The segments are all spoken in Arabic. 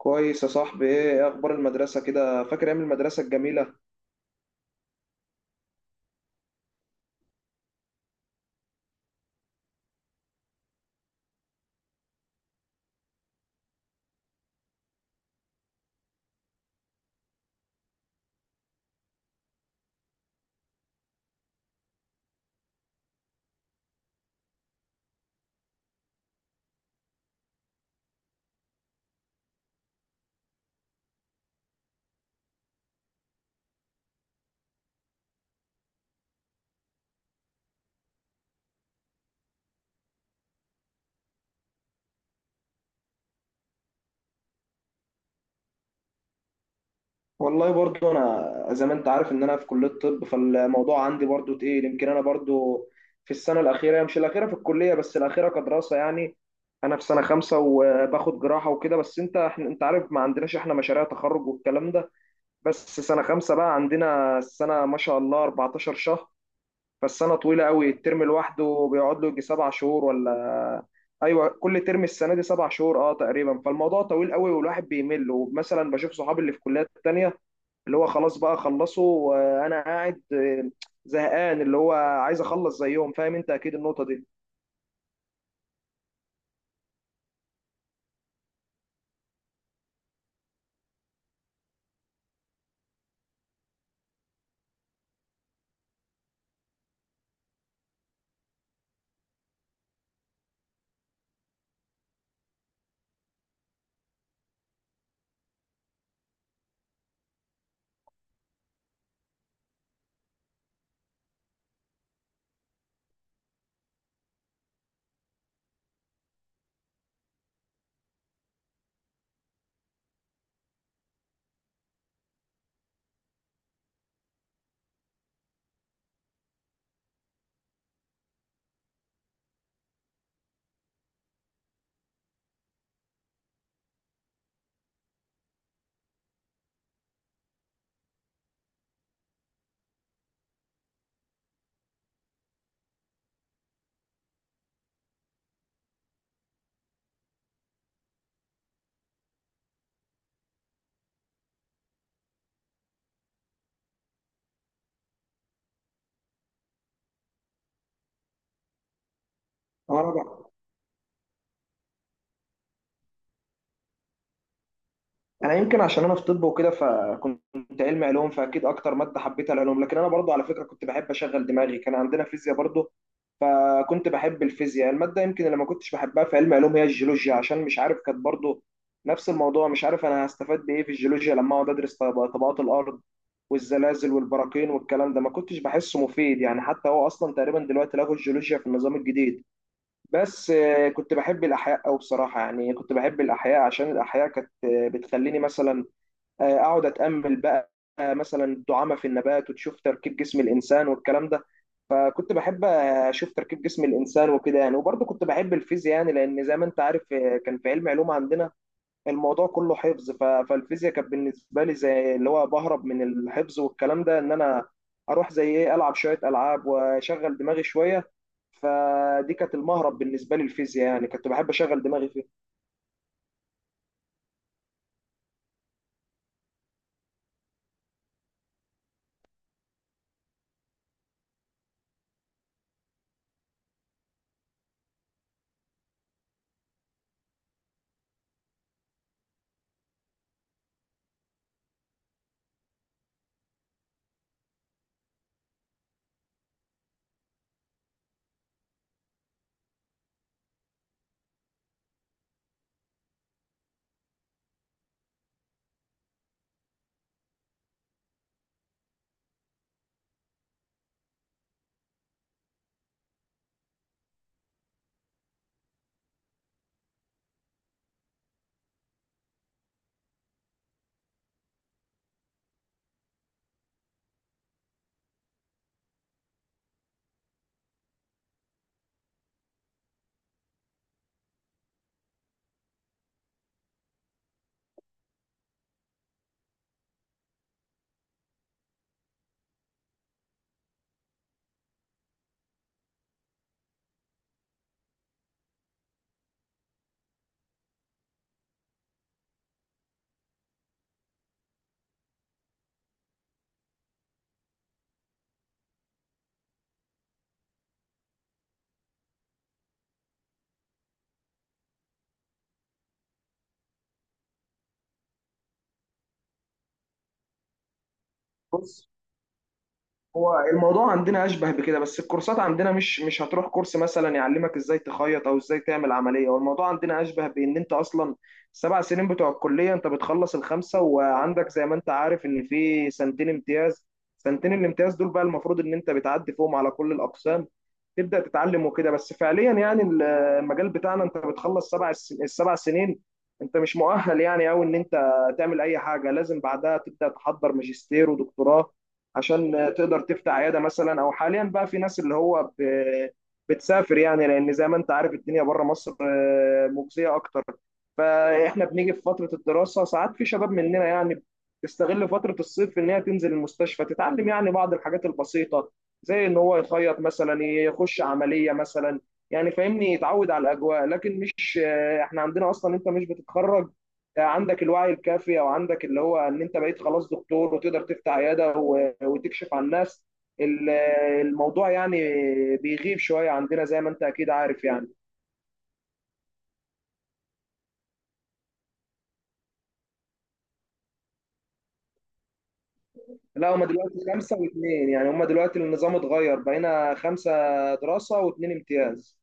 كويس يا صاحبي. إيه اخبار المدرسه؟ كده فاكر ايام المدرسه الجميله؟ والله برضو انا، زي ما انت عارف، ان انا في كليه طب، فالموضوع عندي برضو تقيل. يمكن انا برضو في السنه الاخيره، مش الاخيره في الكليه بس الاخيره كدراسه يعني. انا في سنه خمسة وباخد جراحه وكده. بس انت عارف، ما عندناش احنا مشاريع تخرج والكلام ده. بس سنه خمسة بقى عندنا السنه ما شاء الله 14 شهر. فالسنة طويلة قوي، الترم لوحده بيقعد له يجي 7 شهور ايوه، كل ترم السنة دي 7 شهور تقريبا. فالموضوع طويل قوي والواحد بيمل، ومثلا بشوف صحابي اللي في كليات تانية اللي هو خلاص بقى خلصوا وانا قاعد زهقان. اللي هو عايز اخلص زيهم. فاهم انت اكيد النقطة دي. اه. انا يمكن عشان انا في طب وكده، فكنت علمي علوم، فاكيد اكتر ماده حبيتها العلوم. لكن انا برضو على فكره كنت بحب اشغل دماغي. كان عندنا فيزياء برضو فكنت بحب الفيزياء. الماده يمكن اللي ما كنتش بحبها في علم علوم هي الجيولوجيا، عشان مش عارف كانت برضو نفس الموضوع. مش عارف انا هستفاد بايه في الجيولوجيا لما اقعد ادرس طبقات الارض والزلازل والبراكين والكلام ده. ما كنتش بحسه مفيد يعني. حتى هو اصلا تقريبا دلوقتي لغوا الجيولوجيا في النظام الجديد. بس كنت بحب الأحياء أوي بصراحة. يعني كنت بحب الأحياء عشان الأحياء كانت بتخليني مثلا أقعد أتأمل بقى. مثلا الدعامة في النبات، وتشوف تركيب جسم الإنسان والكلام ده. فكنت بحب أشوف تركيب جسم الإنسان وكده يعني. وبرضه كنت بحب الفيزياء يعني، لأن زي ما أنت عارف كان في علم علوم عندنا الموضوع كله حفظ. فالفيزياء كانت بالنسبه لي زي اللي هو بهرب من الحفظ والكلام ده، ان انا اروح زي ايه العب شويه العاب واشغل دماغي شويه. فدي كانت المهرب بالنسبه لي الفيزياء، يعني كنت بحب اشغل دماغي فيها. بص، هو الموضوع عندنا اشبه بكده. بس الكورسات عندنا مش هتروح كورس مثلا يعلمك ازاي تخيط او ازاي تعمل عمليه. هو الموضوع عندنا اشبه بان انت اصلا، السبع سنين بتوع الكليه انت بتخلص الخمسه، وعندك زي ما انت عارف ان في سنتين امتياز. سنتين الامتياز دول بقى المفروض ان انت بتعدي فيهم على كل الاقسام، تبدا تتعلم وكده. بس فعليا يعني المجال بتاعنا انت بتخلص السبع سنين، انت مش مؤهل يعني قوي ان انت تعمل اي حاجه. لازم بعدها تبدا تحضر ماجستير ودكتوراه عشان تقدر تفتح عياده مثلا. او حاليا بقى في ناس اللي هو بتسافر يعني، لان زي ما انت عارف الدنيا بره مصر مجزيه اكتر. فاحنا بنيجي في فتره الدراسه، ساعات في شباب مننا يعني تستغل فترة الصيف في إن هي تنزل المستشفى تتعلم يعني بعض الحاجات البسيطة، زي ان هو يخيط مثلا، يخش عمليه مثلا. يعني فاهمني، يتعود على الاجواء. لكن مش احنا عندنا اصلا انت مش بتتخرج عندك الوعي الكافي، او عندك اللي هو ان انت بقيت خلاص دكتور وتقدر تفتح عياده وتكشف عن الناس. الموضوع يعني بيغيب شويه عندنا زي ما انت اكيد عارف يعني. لا، هما دلوقتي خمسه واثنين يعني، هما دلوقتي النظام اتغير بقينا خمسه دراسه واثنين امتياز.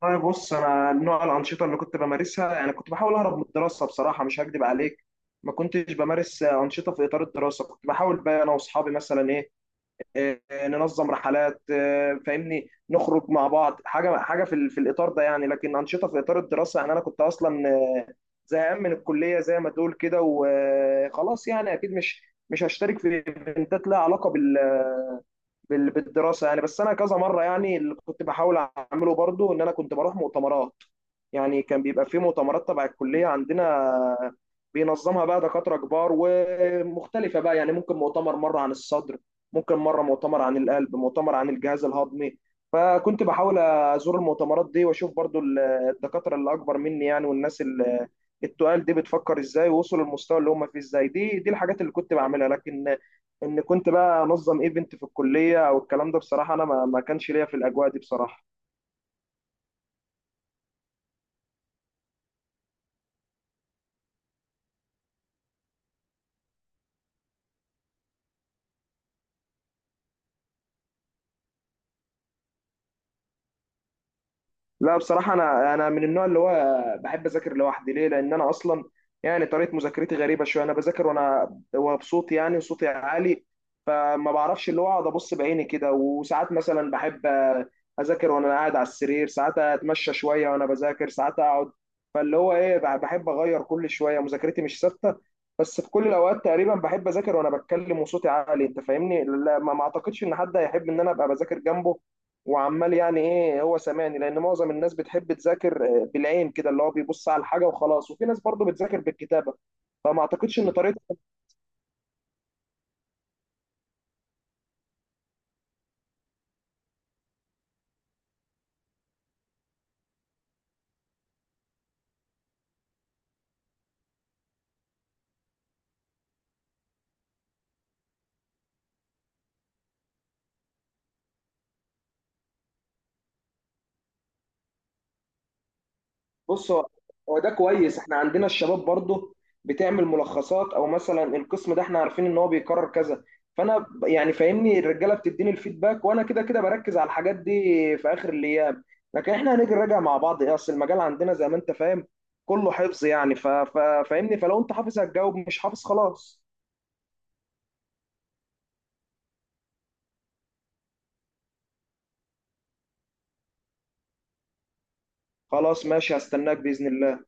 طيب، بص، انا نوع الانشطه اللي كنت بمارسها، يعني كنت بحاول اهرب من الدراسه بصراحه، مش هكدب عليك. ما كنتش بمارس انشطه في اطار الدراسه. كنت بحاول بقى انا واصحابي مثلا ايه آه، ننظم رحلات، فاهمني، نخرج مع بعض، حاجه حاجه في الاطار ده يعني. لكن انشطه في اطار الدراسه، يعني انا كنت اصلا زهقان من الكليه زي ما تقول كده وخلاص. يعني اكيد مش هشترك في ايفنتات لها علاقه بالدراسه يعني. بس انا كذا مره يعني، اللي كنت بحاول اعمله برضو ان انا كنت بروح مؤتمرات. يعني كان بيبقى في مؤتمرات تبع الكليه عندنا، بينظمها بقى دكاتره كبار ومختلفه. بقى يعني ممكن مؤتمر مره عن الصدر، ممكن مره مؤتمر عن القلب، مؤتمر عن الجهاز الهضمي. فكنت بحاول ازور المؤتمرات دي، واشوف برضو الدكاتره اللي اكبر مني يعني، والناس اللي التقال دي بتفكر ازاي، ووصلوا للمستوى اللي هم فيه ازاي. دي الحاجات اللي كنت بعملها. لكن ان كنت بقى انظم ايفنت في الكليه او الكلام ده، بصراحه انا ما كانش ليا في الاجواء دي بصراحه. لا بصراحة أنا من النوع اللي هو بحب أذاكر لوحدي. ليه؟ لأن أنا أصلا يعني طريقة مذاكرتي غريبة شوية. أنا بذاكر وأنا وبصوتي، يعني وصوتي عالي. فما بعرفش اللي هو أقعد أبص بعيني كده. وساعات مثلا بحب أذاكر وأنا قاعد على السرير، ساعات أتمشى شوية وأنا بذاكر، ساعات أقعد. فاللي هو إيه، بحب أغير كل شوية، مذاكرتي مش ثابتة. بس في كل الأوقات تقريبا بحب أذاكر وأنا بتكلم وصوتي عالي. أنت فاهمني؟ لا ما أعتقدش إن حد هيحب إن أنا أبقى بذاكر جنبه وعمال يعني ايه هو سامعني. لان معظم الناس بتحب تذاكر بالعين كده، اللي هو بيبص على الحاجه وخلاص، وفي ناس برضو بتذاكر بالكتابه. فما اعتقدش ان طريقه. بص، هو ده كويس. احنا عندنا الشباب برضو بتعمل ملخصات. او مثلا القسم ده احنا عارفين ان هو بيكرر كذا. فانا يعني فاهمني، الرجاله بتديني الفيدباك وانا كده كده بركز على الحاجات دي في اخر الايام. لكن احنا هنيجي نراجع مع بعض ايه، اصل المجال عندنا زي ما انت فاهم كله حفظ يعني. فاهمني، فلو انت حافظ هتجاوب، مش حافظ خلاص. خلاص ماشي، هستناك بإذن الله.